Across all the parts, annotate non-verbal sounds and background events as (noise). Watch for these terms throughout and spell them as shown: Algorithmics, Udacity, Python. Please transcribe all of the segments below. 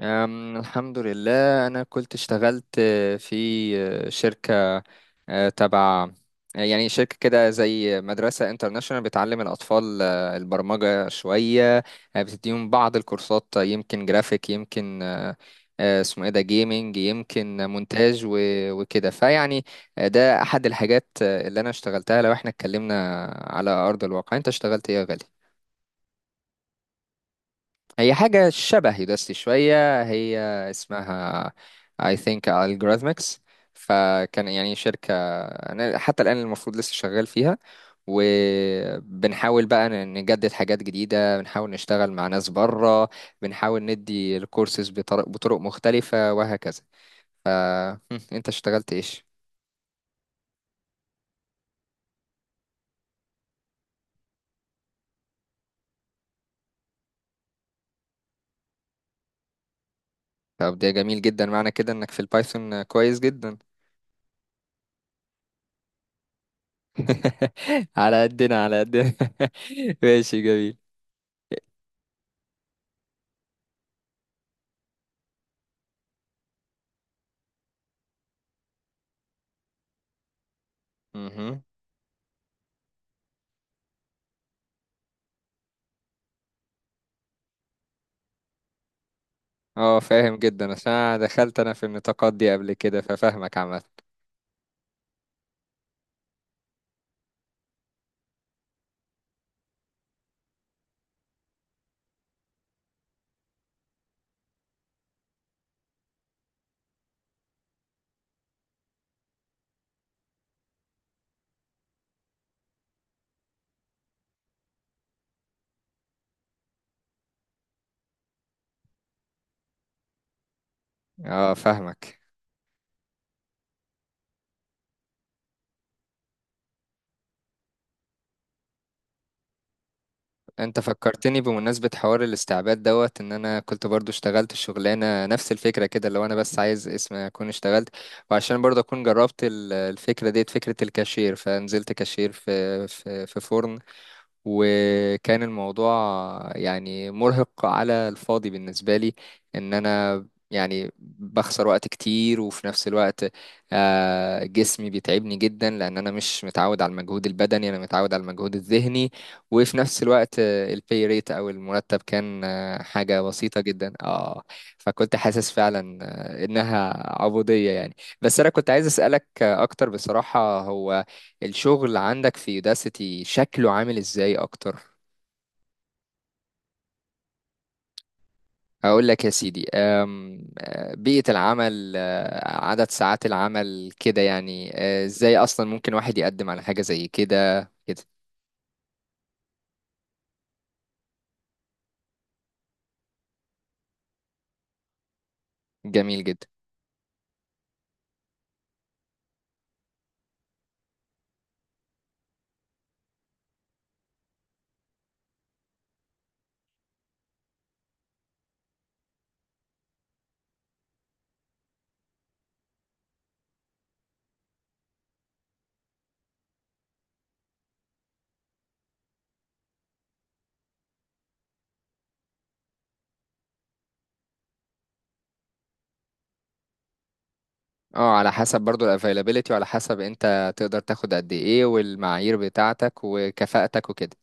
الحمد لله أنا كنت اشتغلت في شركة أه، تبع آه، يعني شركة كده زي مدرسة انترناشونال بتعلم الأطفال البرمجة شوية، بتديهم بعض الكورسات، يمكن جرافيك، يمكن أه، أه، اسمه ايه ده جيمنج، يمكن مونتاج وكده فيعني. ده أحد الحاجات اللي أنا اشتغلتها. لو احنا اتكلمنا على أرض الواقع، أنت اشتغلت ايه يا غالي؟ هي حاجة شبه يوداستي شوية، هي اسمها I think Algorithmics. فكان يعني شركة أنا حتى الآن المفروض لسه شغال فيها، وبنحاول بقى نجدد حاجات جديدة، بنحاول نشتغل مع ناس بره، بنحاول ندي الكورسز بطرق مختلفة وهكذا. ف أنت اشتغلت إيش؟ طب ده جميل جدا، معنى كده إنك في البايثون كويس جدا. (laughs) على قدنا على قدنا. (laughs) ماشي، جميل. مهم. اه فاهم جدا، عشان أنا دخلت في النطاقات دي قبل كده، ففاهمك عامة. اه فاهمك. انت فكرتني بمناسبة حوار الاستعباد دوت ان انا كنت برضو اشتغلت شغلانة نفس الفكرة كده، لو انا بس عايز اسم اكون اشتغلت، وعشان برضو اكون جربت الفكرة ديت، فكرة الكاشير، فنزلت كاشير في فرن. وكان الموضوع يعني مرهق على الفاضي بالنسبة لي، ان انا يعني بخسر وقت كتير، وفي نفس الوقت جسمي بيتعبني جدا لان انا مش متعود على المجهود البدني، انا متعود على المجهود الذهني. وفي نفس الوقت البي ريت او المرتب كان حاجة بسيطة جدا اه. فكنت حاسس فعلا انها عبودية يعني. بس انا كنت عايز اسألك اكتر، بصراحة هو الشغل عندك في يوداسيتي شكله عامل ازاي اكتر؟ هقول لك يا سيدي، أم، أه، بيئة العمل، عدد ساعات العمل كده يعني، ازاي اصلا ممكن واحد يقدم على حاجة زي كده كده. جميل جدا. اه على حسب برضو الافيلابيليتي، وعلى حسب انت تقدر تاخد قد ايه، والمعايير بتاعتك وكفاءتك وكده.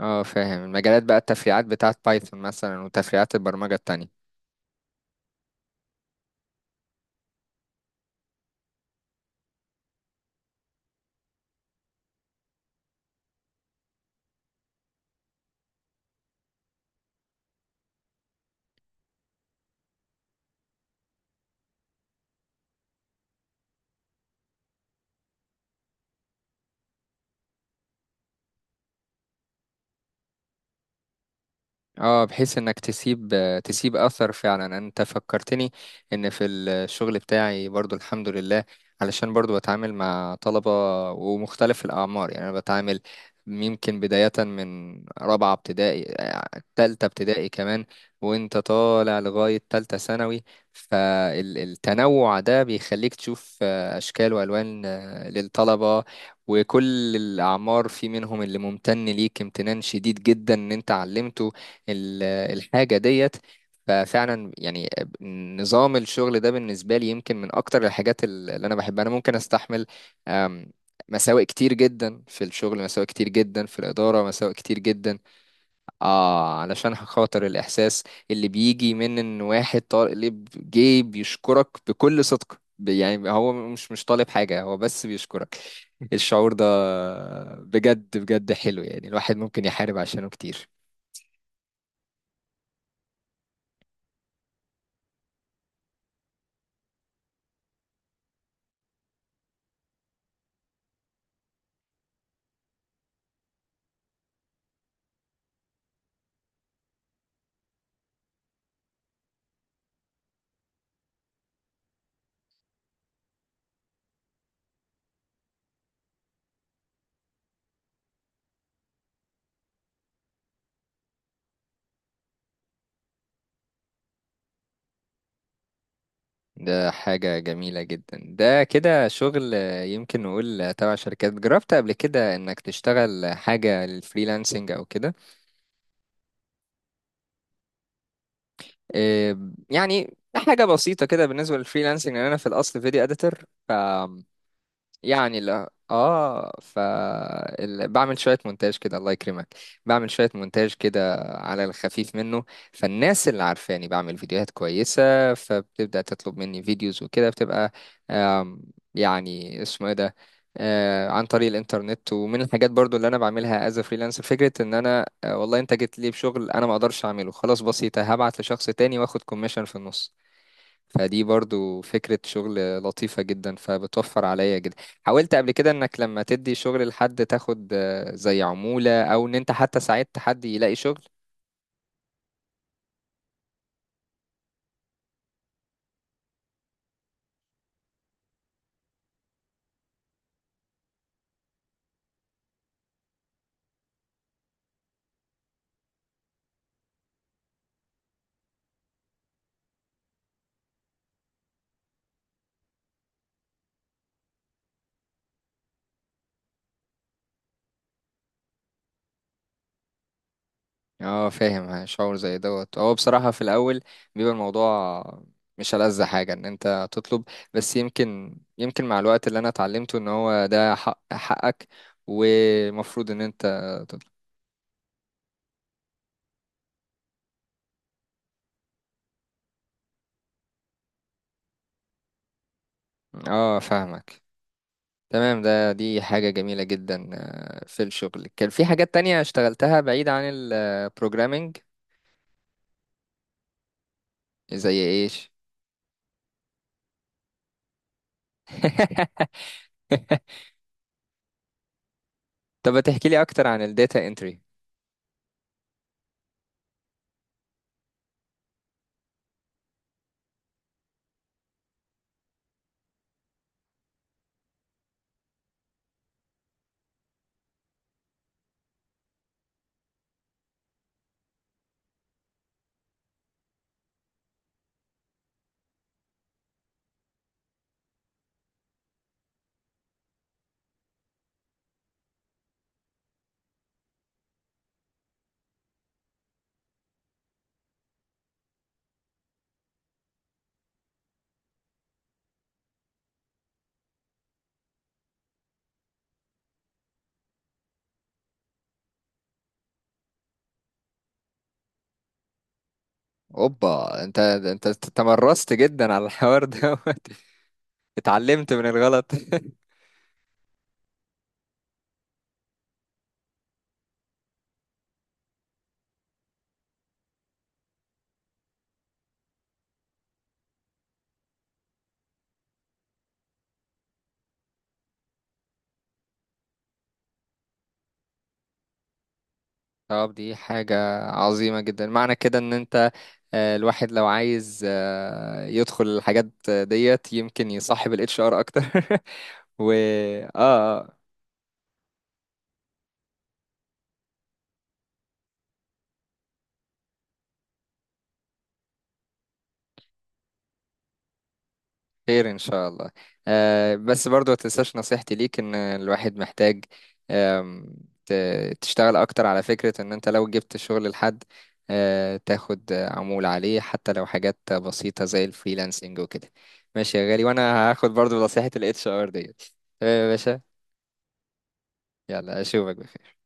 اه فاهم، المجالات بقى التفريعات بتاعت بايثون مثلا، وتفريعات البرمجة التانية. اه بحيث انك تسيب اثر فعلا. انت فكرتني ان في الشغل بتاعي برضو الحمد لله، علشان برضو بتعامل مع طلبة ومختلف الاعمار. يعني انا بتعامل يمكن بداية من رابعة ابتدائي، تالتة ابتدائي كمان، وانت طالع لغاية تالتة ثانوي. فالتنوع ده بيخليك تشوف اشكال والوان للطلبة وكل الأعمار. في منهم اللي ممتن ليك امتنان شديد جدا إن أنت علمته ال- الحاجة ديت. ففعلا يعني نظام الشغل ده بالنسبة لي يمكن من أكتر الحاجات اللي أنا بحبها. أنا ممكن أستحمل أم، مساوئ كتير جدا في الشغل، مساوئ كتير جدا في الإدارة، مساوئ كتير جدا، آه علشان خاطر الإحساس اللي بيجي من إن واحد طالب اللي جاي بيشكرك بكل صدق. يعني هو مش طالب حاجة، هو بس بيشكرك. (laughs) الشعور ده بجد بجد حلو، يعني الواحد ممكن يحارب عشانه كتير. ده حاجة جميلة جدا. ده كده شغل، يمكن نقول تبع شركات. جربت قبل كده انك تشتغل حاجة للفريلانسنج او كده؟ يعني حاجة بسيطة كده بالنسبة للفريلانسنج، لأن انا في الاصل فيديو اديتور. يعني لا اه. بعمل شويه مونتاج كده الله يكرمك، بعمل شويه مونتاج كده على الخفيف منه. فالناس اللي عارفاني بعمل فيديوهات كويسه فبتبدا تطلب مني فيديوز وكده، بتبقى آم، يعني اسمه ايه ده، عن طريق الانترنت. ومن الحاجات برضو اللي انا بعملها از فريلانسر فكره ان انا والله انت جيت لي بشغل انا ما اقدرش اعمله، خلاص بسيطه، هبعت لشخص تاني واخد كوميشن في النص. فدي برضو فكرة شغل لطيفة جدا، فبتوفر عليا جدا. حاولت قبل كده انك لما تدي شغل لحد تاخد زي عمولة، او ان انت حتى ساعدت حد يلاقي شغل؟ اه فاهم شعور زي دوت. هو بصراحة في الاول بيبقى الموضوع مش ألذ حاجة ان انت تطلب، بس يمكن مع الوقت اللي انا اتعلمته ان هو ده حق، حقك، ومفروض ان انت تطلب. اه فاهمك. تمام، ده دي حاجة جميلة جدا. في الشغل كان في حاجات تانية اشتغلتها بعيد عن البروجرامينج؟ زي ايش؟ (laughs) طب تحكي لي اكتر عن الداتا انتري. اوبا، انت تمرست جدا على الحوار ده. (laughs) اتعلمت من الغلط. (laughs) طب دي حاجة عظيمة جدا، معنى كده ان انت الواحد لو عايز يدخل الحاجات ديت يمكن يصاحب الاتش ار اكتر. (laughs) و اه، آه. خير ان شاء الله. آه بس برضو ما تنساش نصيحتي ليك، ان الواحد محتاج آم، تشتغل اكتر على فكرة ان انت لو جبت شغل لحد آه تاخد عمولة عليه، حتى لو حاجات بسيطة زي الفريلانسنج وكده. ماشي يا غالي، وانا هاخد برضو نصيحة الاتش ار ديت. تمام يا باشا، يلا اشوفك بخير.